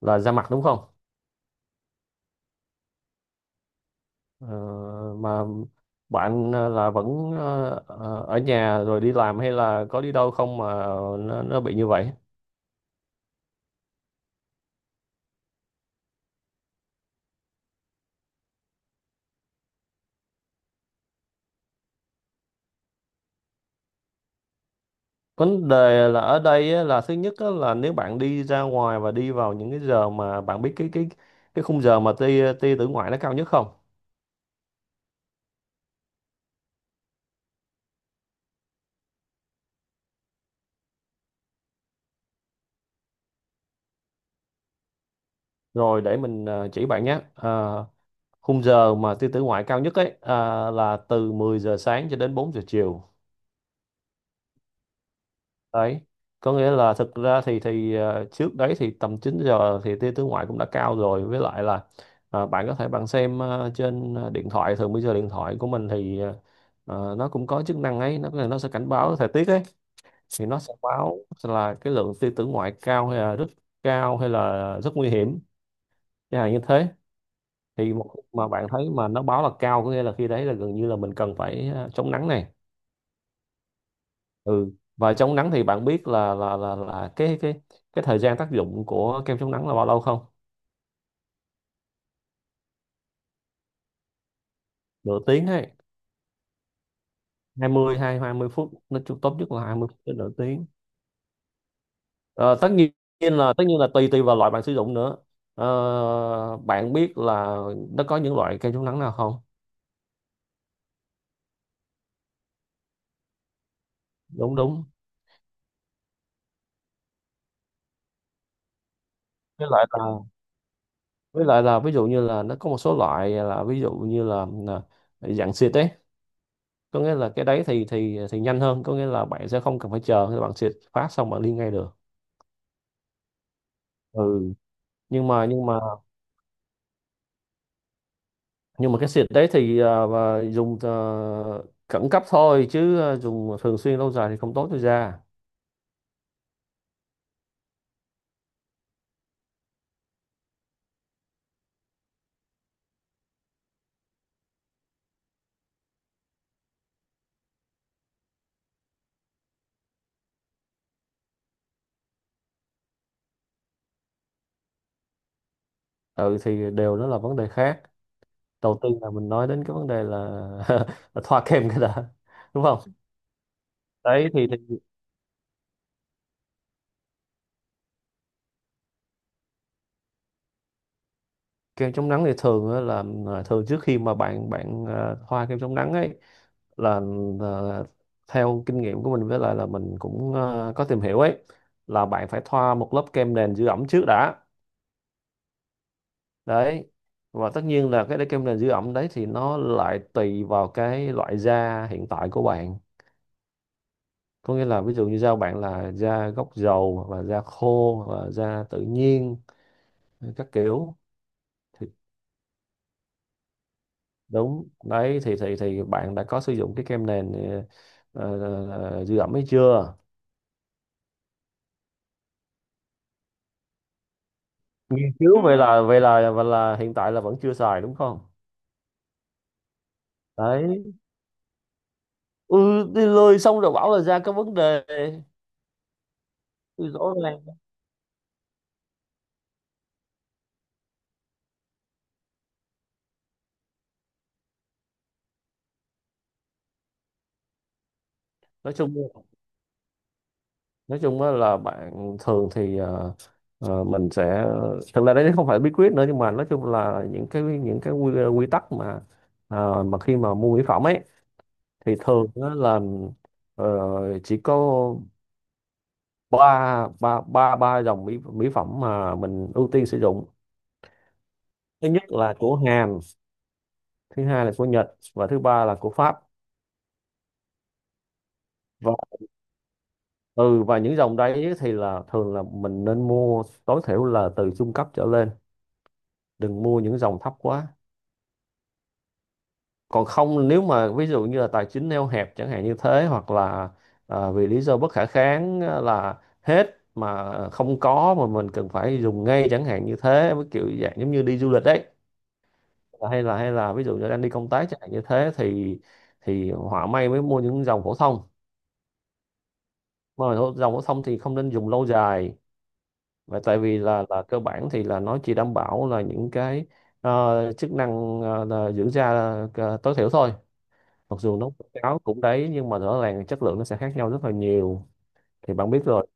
Là ra mặt đúng không? Ờ, mà bạn là vẫn ở nhà rồi đi làm hay là có đi đâu không mà nó bị như vậy? Vấn đề là ở đây á, là thứ nhất á, là nếu bạn đi ra ngoài và đi vào những cái giờ mà bạn biết cái khung giờ mà tia tia tử ngoại nó cao nhất không? Rồi để mình chỉ bạn nhé. Ờ, Khung giờ mà tia tử ngoại cao nhất ấy à, là từ 10 giờ sáng cho đến 4 giờ chiều. Đấy, có nghĩa là thực ra thì trước đấy thì tầm 9 giờ thì tia tướng ngoại cũng đã cao rồi, với lại là bạn có thể bạn xem trên điện thoại, thường bây giờ điện thoại của mình thì nó cũng có chức năng ấy, nó sẽ cảnh báo thời tiết ấy. Thì nó sẽ báo là cái lượng tia tử ngoại cao hay là rất cao hay là rất nguy hiểm chẳng hạn như thế. Thì một mà bạn thấy mà nó báo là cao có nghĩa là khi đấy là gần như là mình cần phải chống nắng này. Ừ, và chống nắng thì bạn biết là cái thời gian tác dụng của kem chống nắng là bao lâu không? Nửa tiếng hay 20 hay 20 phút, tốt nhất là 20 phút đến nửa tiếng. Ờ, tất nhiên tất nhiên là tùy tùy vào loại bạn sử dụng nữa. Bạn biết là nó có những loại kem chống nắng nào không? Đúng, đúng. Với lại là với lại là ví dụ như là nó có một số loại là ví dụ như là dạng xịt ấy, có nghĩa là cái đấy thì nhanh hơn, có nghĩa là bạn sẽ không cần phải chờ, khi bạn xịt phát xong bạn đi ngay được. Ừ, nhưng mà nhưng mà nhưng mà cái xịt đấy thì và dùng khẩn cấp thôi chứ dùng thường xuyên lâu dài thì không tốt cho da. Ừ thì đều đó là vấn đề khác. Đầu tiên là mình nói đến cái vấn đề là, là thoa kem cái đã, đúng không? Đấy thì kem chống nắng thì thường á là thường trước khi mà bạn bạn thoa kem chống nắng ấy là, ờ, theo kinh nghiệm của mình với lại là mình cũng có tìm hiểu ấy, là bạn phải thoa một lớp kem nền giữ ẩm trước đã. Đấy, và tất nhiên là cái kem nền giữ ẩm đấy thì nó lại tùy vào cái loại da hiện tại của bạn. Có nghĩa là ví dụ như da bạn là da gốc dầu hoặc là da khô hoặc là da tự nhiên các kiểu. Thì đúng đấy thì bạn đã có sử dụng cái kem nền, giữ ẩm ấy chưa? Nghiên cứu. Vậy là hiện tại là vẫn chưa xài đúng không? Đấy, ừ, đi lười xong rồi bảo là da có vấn đề thì rõ ràng. Nói chung nói chung á là bạn thường thì mình sẽ, thực ra đấy không phải bí quyết nữa nhưng mà nói chung là những cái quy tắc mà khi mà mua mỹ phẩm ấy, thì thường á là ờ, chỉ có ba ba ba ba dòng mỹ mỹ phẩm mà mình ưu tiên sử dụng. Thứ nhất là của Hàn, thứ hai là của Nhật và thứ ba là của Pháp. Và ừ và những dòng đấy thì là thường là mình nên mua tối thiểu là từ trung cấp trở lên, đừng mua những dòng thấp quá. Còn không, nếu mà ví dụ như là tài chính eo hẹp chẳng hạn như thế, hoặc là vì lý do bất khả kháng à, là hết mà không có mà mình cần phải dùng ngay chẳng hạn như thế, với kiểu dạng giống như đi du lịch đấy. Hay là ví dụ như đang đi công tác chẳng hạn như thế thì họa may mới mua những dòng phổ thông, mà dòng phổ thông thì không nên dùng lâu dài. Và tại vì là cơ bản thì là nó chỉ đảm bảo là những cái chức năng là giữ da tối thiểu thôi. Mặc dù nấu cháo cũng đấy nhưng mà rõ ràng chất lượng nó sẽ khác nhau rất là nhiều, thì bạn biết rồi.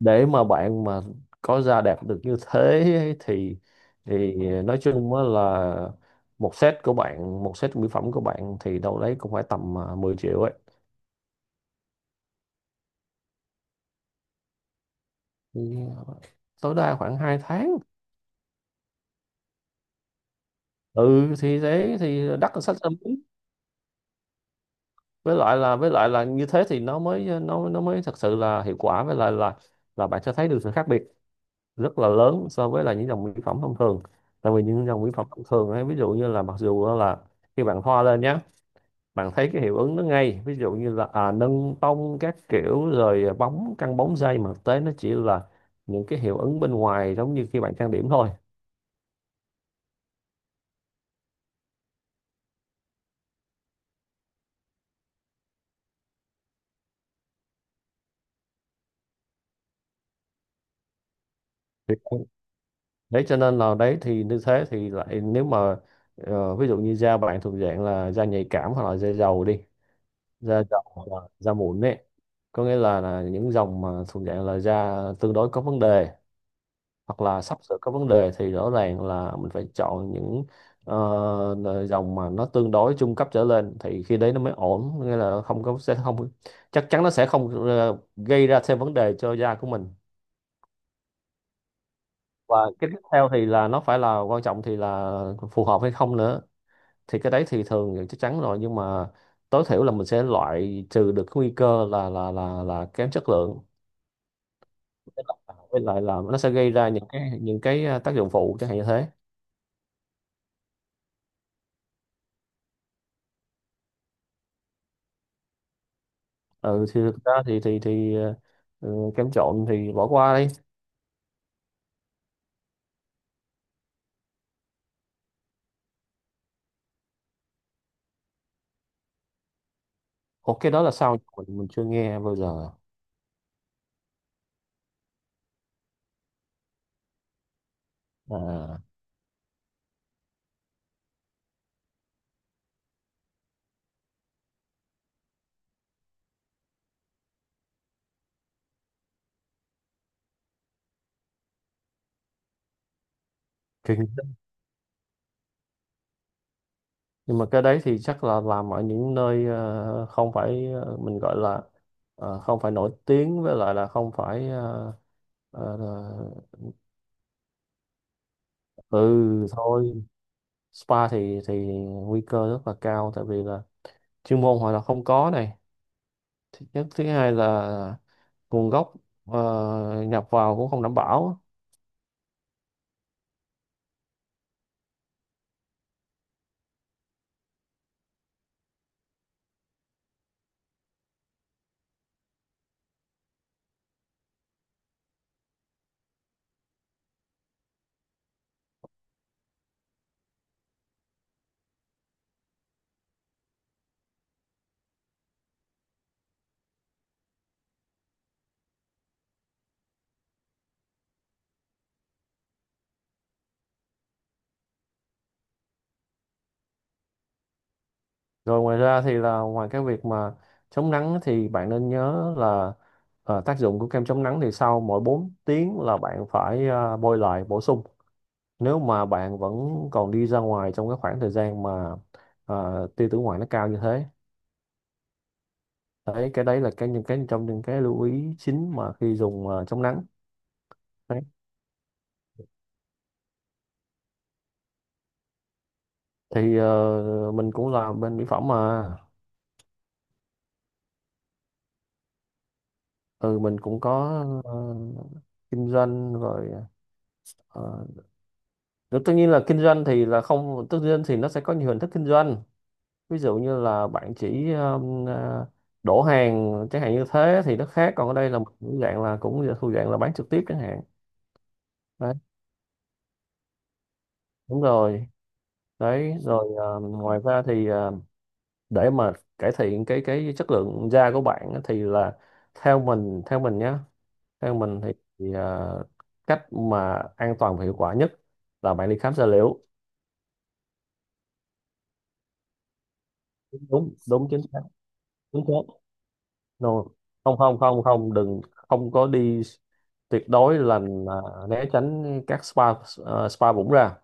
Để mà bạn mà có ra đạt được như thế ấy thì nói chung á là một set mỹ phẩm của bạn thì đâu đấy cũng phải tầm 10 triệu ấy. Thì tối đa khoảng 2 tháng. Ừ thì thế thì đắt hơn sách âm lý. Với lại là như thế thì nó mới thật sự là hiệu quả, với lại là bạn sẽ thấy được sự khác biệt rất là lớn so với là những dòng mỹ phẩm thông thường. Tại vì những dòng mỹ phẩm thông thường ấy, ví dụ như là mặc dù là khi bạn thoa lên nhé, bạn thấy cái hiệu ứng nó ngay, ví dụ như là nâng tông các kiểu rồi bóng căng bóng dây, mà thực tế nó chỉ là những cái hiệu ứng bên ngoài giống như khi bạn trang điểm thôi. Thì- Đấy cho nên là đấy thì như thế thì lại, nếu mà ví dụ như da bạn thuộc dạng là da nhạy cảm hoặc là da dầu đi, da dầu hoặc là da mụn ấy, có nghĩa là những dòng mà thuộc dạng là da tương đối có vấn đề hoặc là sắp sửa có vấn đề thì rõ ràng là mình phải chọn những dòng mà nó tương đối trung cấp trở lên thì khi đấy nó mới ổn, nghĩa là không có, sẽ không, chắc chắn nó sẽ không gây ra thêm vấn đề cho da của mình. Và cái tiếp theo thì là nó phải là quan trọng thì là phù hợp hay không nữa, thì cái đấy thì thường thì chắc chắn rồi, nhưng mà tối thiểu là mình sẽ loại trừ được cái nguy cơ là kém chất lượng. Với lại là nó sẽ gây ra những cái tác dụng phụ chẳng hạn như thế. Ừ thì thực ra thì ừ, kem trộn thì bỏ qua đi. Ủa, cái đó là sao? Mình chưa nghe bao giờ. à Kinh, nhưng mà cái đấy thì chắc là làm ở những nơi không phải mình gọi là không phải nổi tiếng, với lại là không phải ờ, ờ, ừ thôi, spa thì nguy cơ rất là cao tại vì là chuyên môn họ là không có này, thứ nhất. Thứ hai là nguồn gốc nhập vào cũng không đảm bảo. Rồi, ngoài ra thì là ngoài cái việc mà chống nắng thì bạn nên nhớ là tác dụng của kem chống nắng thì sau mỗi 4 tiếng là bạn phải bôi lại bổ sung. Nếu mà bạn vẫn còn đi ra ngoài trong cái khoảng thời gian mà tia tử ngoại nó cao như thế. Đấy, cái đấy là cái, những cái trong những cái lưu ý chính mà khi dùng chống nắng. Đấy. Thì mình cũng là bên mỹ phẩm mà. Ừ, mình cũng có ờ, kinh doanh rồi ờ, đó, tất nhiên là kinh doanh thì là không, tất nhiên thì nó sẽ có nhiều hình thức kinh doanh, ví dụ như là bạn chỉ đổ hàng chẳng hạn như thế thì nó khác, còn ở đây là một cái dạng là cũng thuộc dạng là bán trực tiếp chẳng hạn. Đấy, đúng rồi. Đấy rồi, ngoài ra thì để mà cải thiện cái chất lượng da của bạn á, thì là theo mình nhé, theo mình thì cách mà an toàn và hiệu quả nhất là bạn đi khám da liễu. Đúng, đúng, chính xác. Đúng thế. No. Không, không, không, không, đừng. Không có đi, tuyệt đối là né tránh các spa, spa bụng ra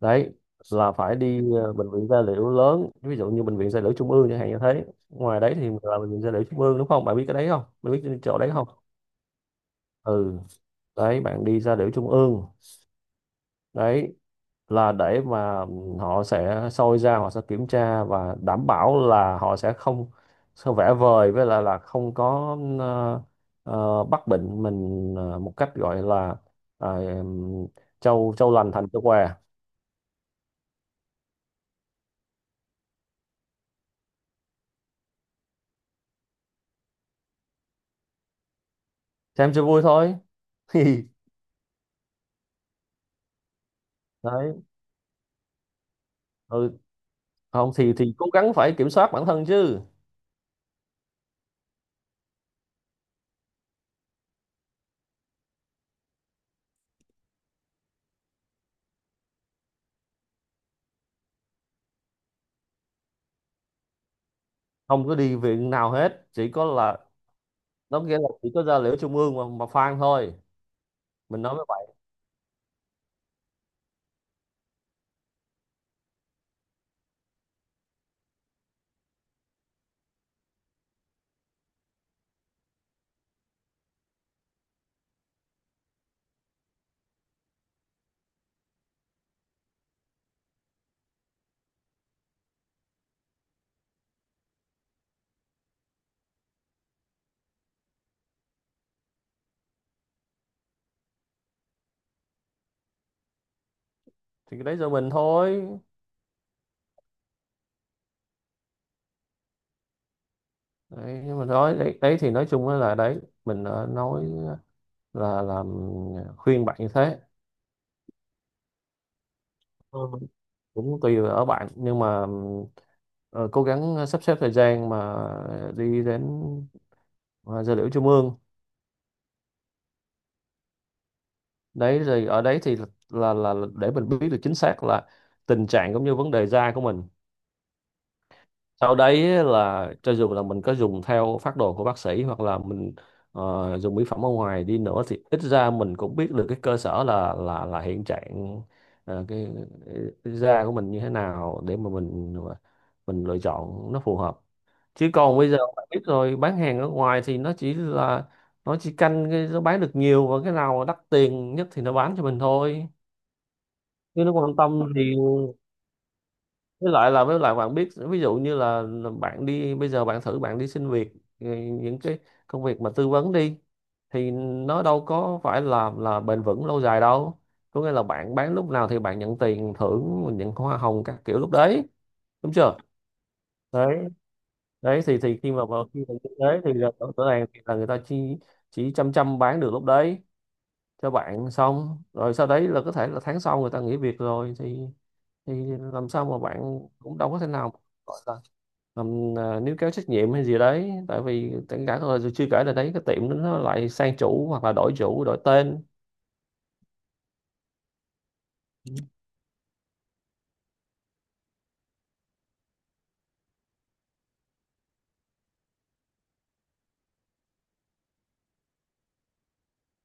đấy. Là phải đi bệnh viện da liễu lớn, ví dụ như bệnh viện da liễu Trung ương chẳng hạn, như thế ngoài đấy thì là bệnh viện da liễu Trung ương đúng không, bạn biết cái đấy không, bạn biết cái chỗ đấy không? Ừ, đấy, bạn đi da liễu Trung ương. Đấy là để mà họ sẽ soi ra, họ sẽ kiểm tra và đảm bảo là họ sẽ không, sẽ vẽ vời với lại là không có bắt bệnh mình một cách gọi là ờ, trâu trâu lành thành trâu què. Xem cho vui thôi. Đấy. Ừ. Không thì cố gắng phải kiểm soát bản thân chứ. Không có đi viện nào hết, chỉ có là nó nghĩa là chỉ có ra liễu trung ương mà phang thôi, mình nói với bạn. Thì cái đấy do mình thôi. Đấy, nhưng mà nói đấy, đấy thì nói chung là đấy, mình đã nói, là làm, khuyên bạn như thế. Ừ, cũng tùy ở bạn nhưng mà ờ, cố gắng sắp xếp thời gian mà đi đến ờ, giờ liễu trung ương. Đấy rồi, ở đấy thì là để mình biết được chính xác là tình trạng cũng như vấn đề da của mình. Sau đấy là cho dù là mình có dùng theo phác đồ của bác sĩ hoặc là mình dùng mỹ phẩm ở ngoài đi nữa thì ít ra mình cũng biết được cái cơ sở là hiện trạng, ờ, cái, cái da của mình như thế nào để mà mình lựa chọn nó phù hợp. Chứ còn bây giờ bạn biết rồi, bán hàng ở ngoài thì nó chỉ canh cái nó bán được nhiều và cái nào mà đắt tiền nhất thì nó bán cho mình thôi. Chứ nó quan tâm thì, với lại bạn biết, ví dụ như là bạn đi bây giờ bạn thử bạn đi xin việc, ừ, những cái công việc mà tư vấn đi, thì nó đâu có phải là bền vững lâu dài đâu, có nghĩa là bạn bán lúc nào thì bạn nhận tiền thưởng nhận hoa hồng các kiểu lúc đấy, đúng chưa? Đấy đấy thì khi mà như thế thì là rõ rõ ràng thì là người ta chỉ chăm chăm bán được lúc đấy cho bạn, xong rồi sau đấy là có thể là tháng sau người ta nghỉ việc rồi thì thì làm sao mà bạn cũng đâu có thể nào. Níu kéo trách nhiệm hay gì đấy tại vì rồi chưa kể là đấy cái tiệm đó nó lại sang chủ hoặc là đổi chủ đổi tên.